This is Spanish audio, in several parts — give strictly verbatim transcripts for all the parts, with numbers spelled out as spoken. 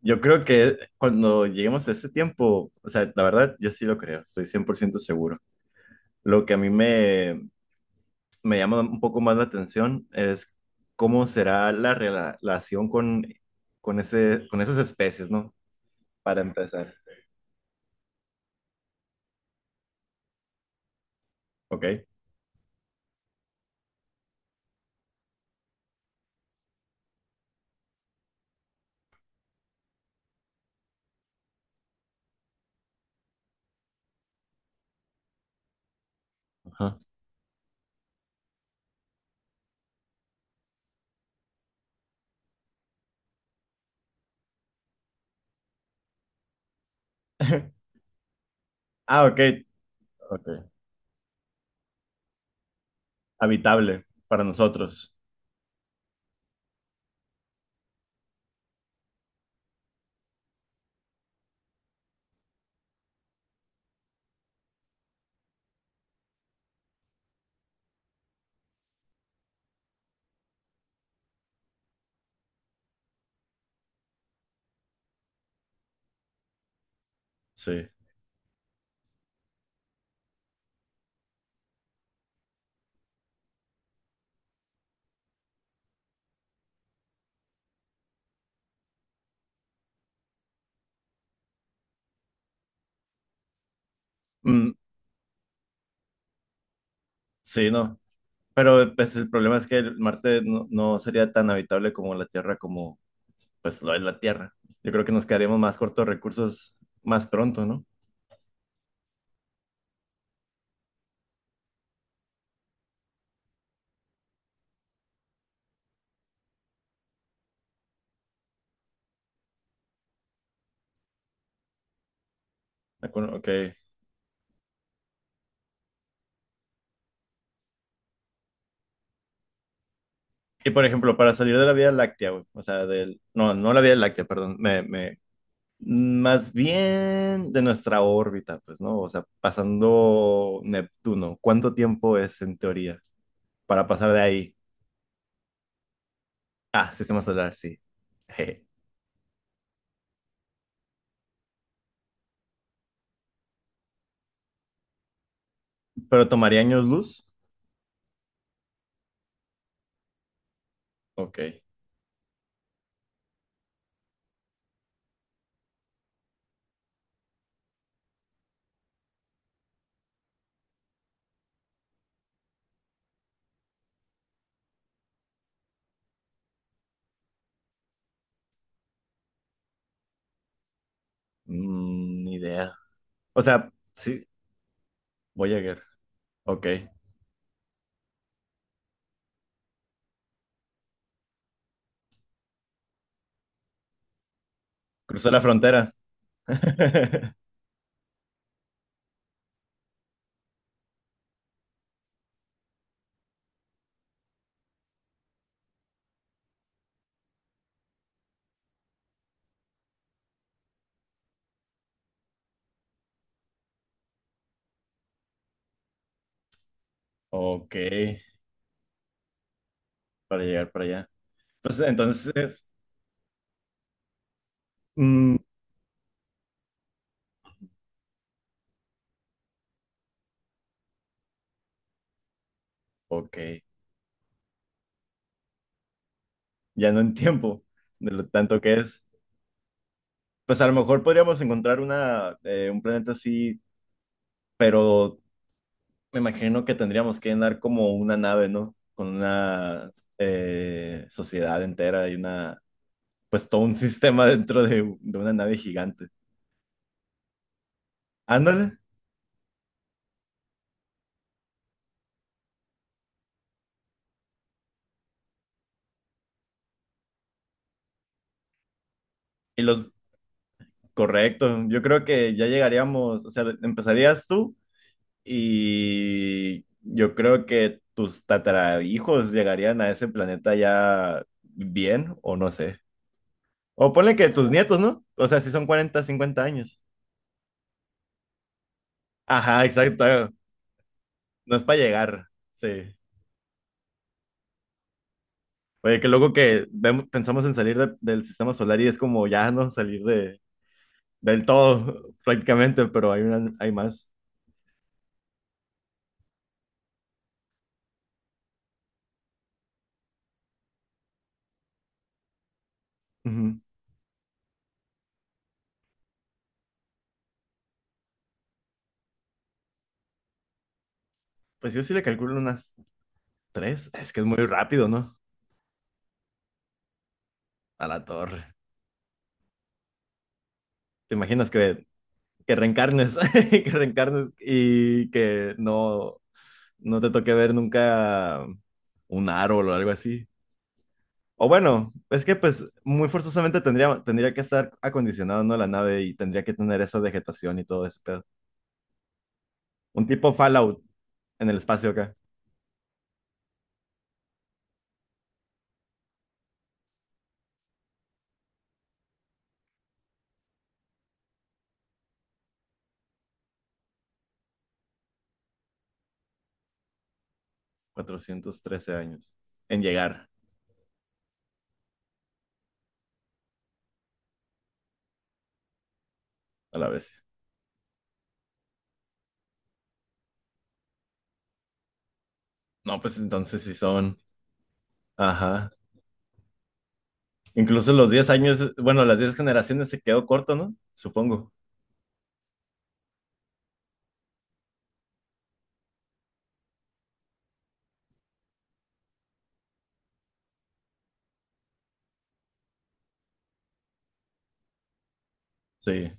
Yo creo que cuando lleguemos a ese tiempo, o sea, la verdad, yo sí lo creo, estoy cien por ciento seguro. Lo que a mí me, me llama un poco más la atención es cómo será la rela- relación con, con, ese, con esas especies, ¿no? Para empezar, ¿ok? Ajá. Ah, ok, ok. Habitable para nosotros, sí. Mm, sí, no. Pero pues, el problema es que el Marte no, no sería tan habitable como la Tierra como, pues lo es la Tierra. Yo creo que nos quedaremos más cortos de recursos más pronto, ¿no? De acuerdo, ok. Y por ejemplo, para salir de la Vía Láctea, güey, o sea, del, no, no la Vía Láctea, perdón, me, me, más bien de nuestra órbita, pues, ¿no? O sea, pasando Neptuno, ¿cuánto tiempo es en teoría para pasar de ahí? Ah, sistema solar, sí. Jeje. Pero tomaría años luz. Ok. Mm, ni idea. O sea, sí, voy a llegar. Ok. Cruzó la frontera. Ok, para llegar para allá. Pues entonces, mm, ok, ya no en tiempo de lo tanto que es. Pues a lo mejor podríamos encontrar una, eh, un planeta así, pero me imagino que tendríamos que andar como una nave, ¿no? Con una eh, sociedad entera y una, pues todo un sistema dentro de, de una nave gigante. Ándale, y los, correcto, yo creo que ya llegaríamos, o sea, empezarías tú. Y yo creo que tus tatarahijos llegarían a ese planeta ya bien, o no sé. O ponle que tus nietos, ¿no? O sea, si son cuarenta cincuenta años. Ajá, exacto. No es para llegar. Sí. Oye, qué loco que vemos- pensamos en salir de- del sistema solar y es como ya, ¿no? Salir de, del todo, prácticamente, pero hay una, hay más. Ujú. Pues yo sí le calculo unas tres. Es que es muy rápido, ¿no? A la torre. ¿Te imaginas que que reencarnes, que reencarnes y que no, no te toque ver nunca un árbol o algo así. O bueno, es que pues muy forzosamente tendría, tendría que estar acondicionado, ¿no? La nave y tendría que tener esa vegetación y todo ese pedo. Un tipo Fallout en el espacio acá, cuatrocientos trece años, en llegar a la vez. No, pues entonces sí son, ajá. Incluso los diez años, bueno, las diez generaciones se quedó corto, ¿no? Supongo. Sí.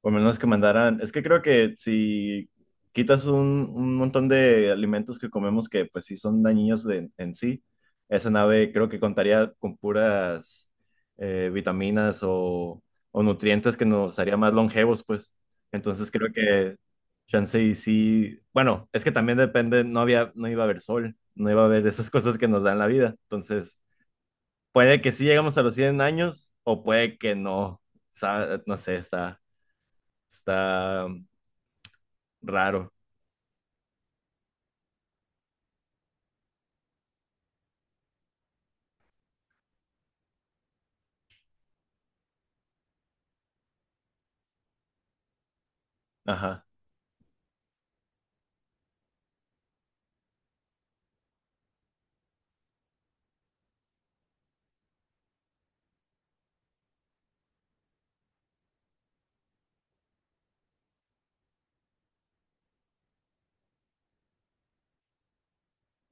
O menos que mandaran, es que creo que si quitas un, un montón de alimentos que comemos que pues sí son dañinos de- en sí, esa nave creo que contaría con puras eh, vitaminas o, o nutrientes que nos haría más longevos, pues. Entonces creo que chance y sí, bueno, es que también depende, no había, no iba a haber sol, no iba a haber esas cosas que nos dan la vida. Entonces, puede que sí llegamos a los cien años o puede que no. Sa- No sé, está. Está raro. Ajá.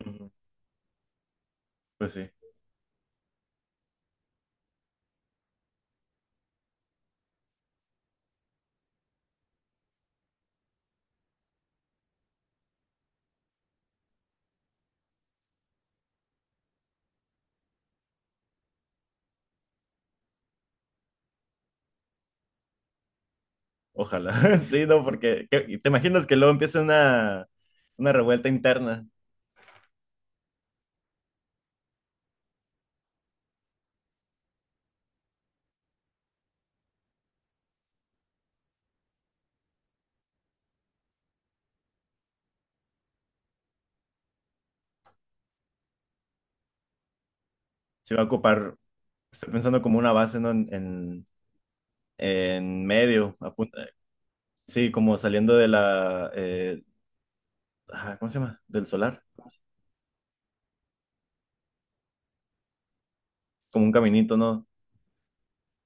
Ujú. Pues sí. Ojalá. Sí, no, porque ¿qué- y te imaginas que luego empieza una, una revuelta interna. Se va a ocupar, estoy pensando como una base, ¿no? En, en, en medio, a punta- Sí, como saliendo de la, eh, ajá, ¿cómo se llama? Del solar. ¿Cómo se- Como un caminito, ¿no?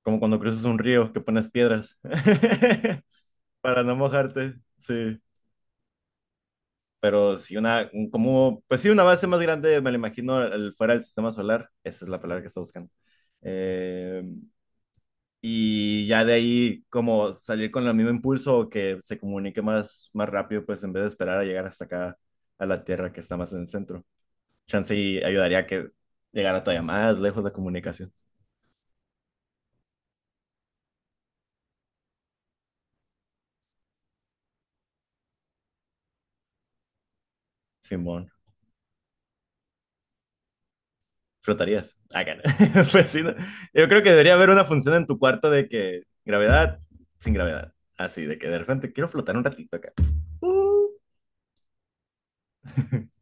Como cuando cruzas un río que pones piedras para no mojarte. Sí. Pero si una, un- como, pues sí, una base más grande, me la imagino, el- fuera del sistema solar, esa es la palabra que está buscando. Eh, y ya de ahí, como salir con el mismo impulso o que se comunique más, más rápido, pues en vez de esperar a llegar hasta acá, a la Tierra que está más en el centro. Chance y ayudaría a que llegara todavía más lejos la comunicación. Simón. Flotarías. Ah, cara. Pues sí, ¿no? Yo creo que debería haber una función en tu cuarto de que gravedad sin gravedad. Así, de que de repente quiero flotar un ratito acá. Uh.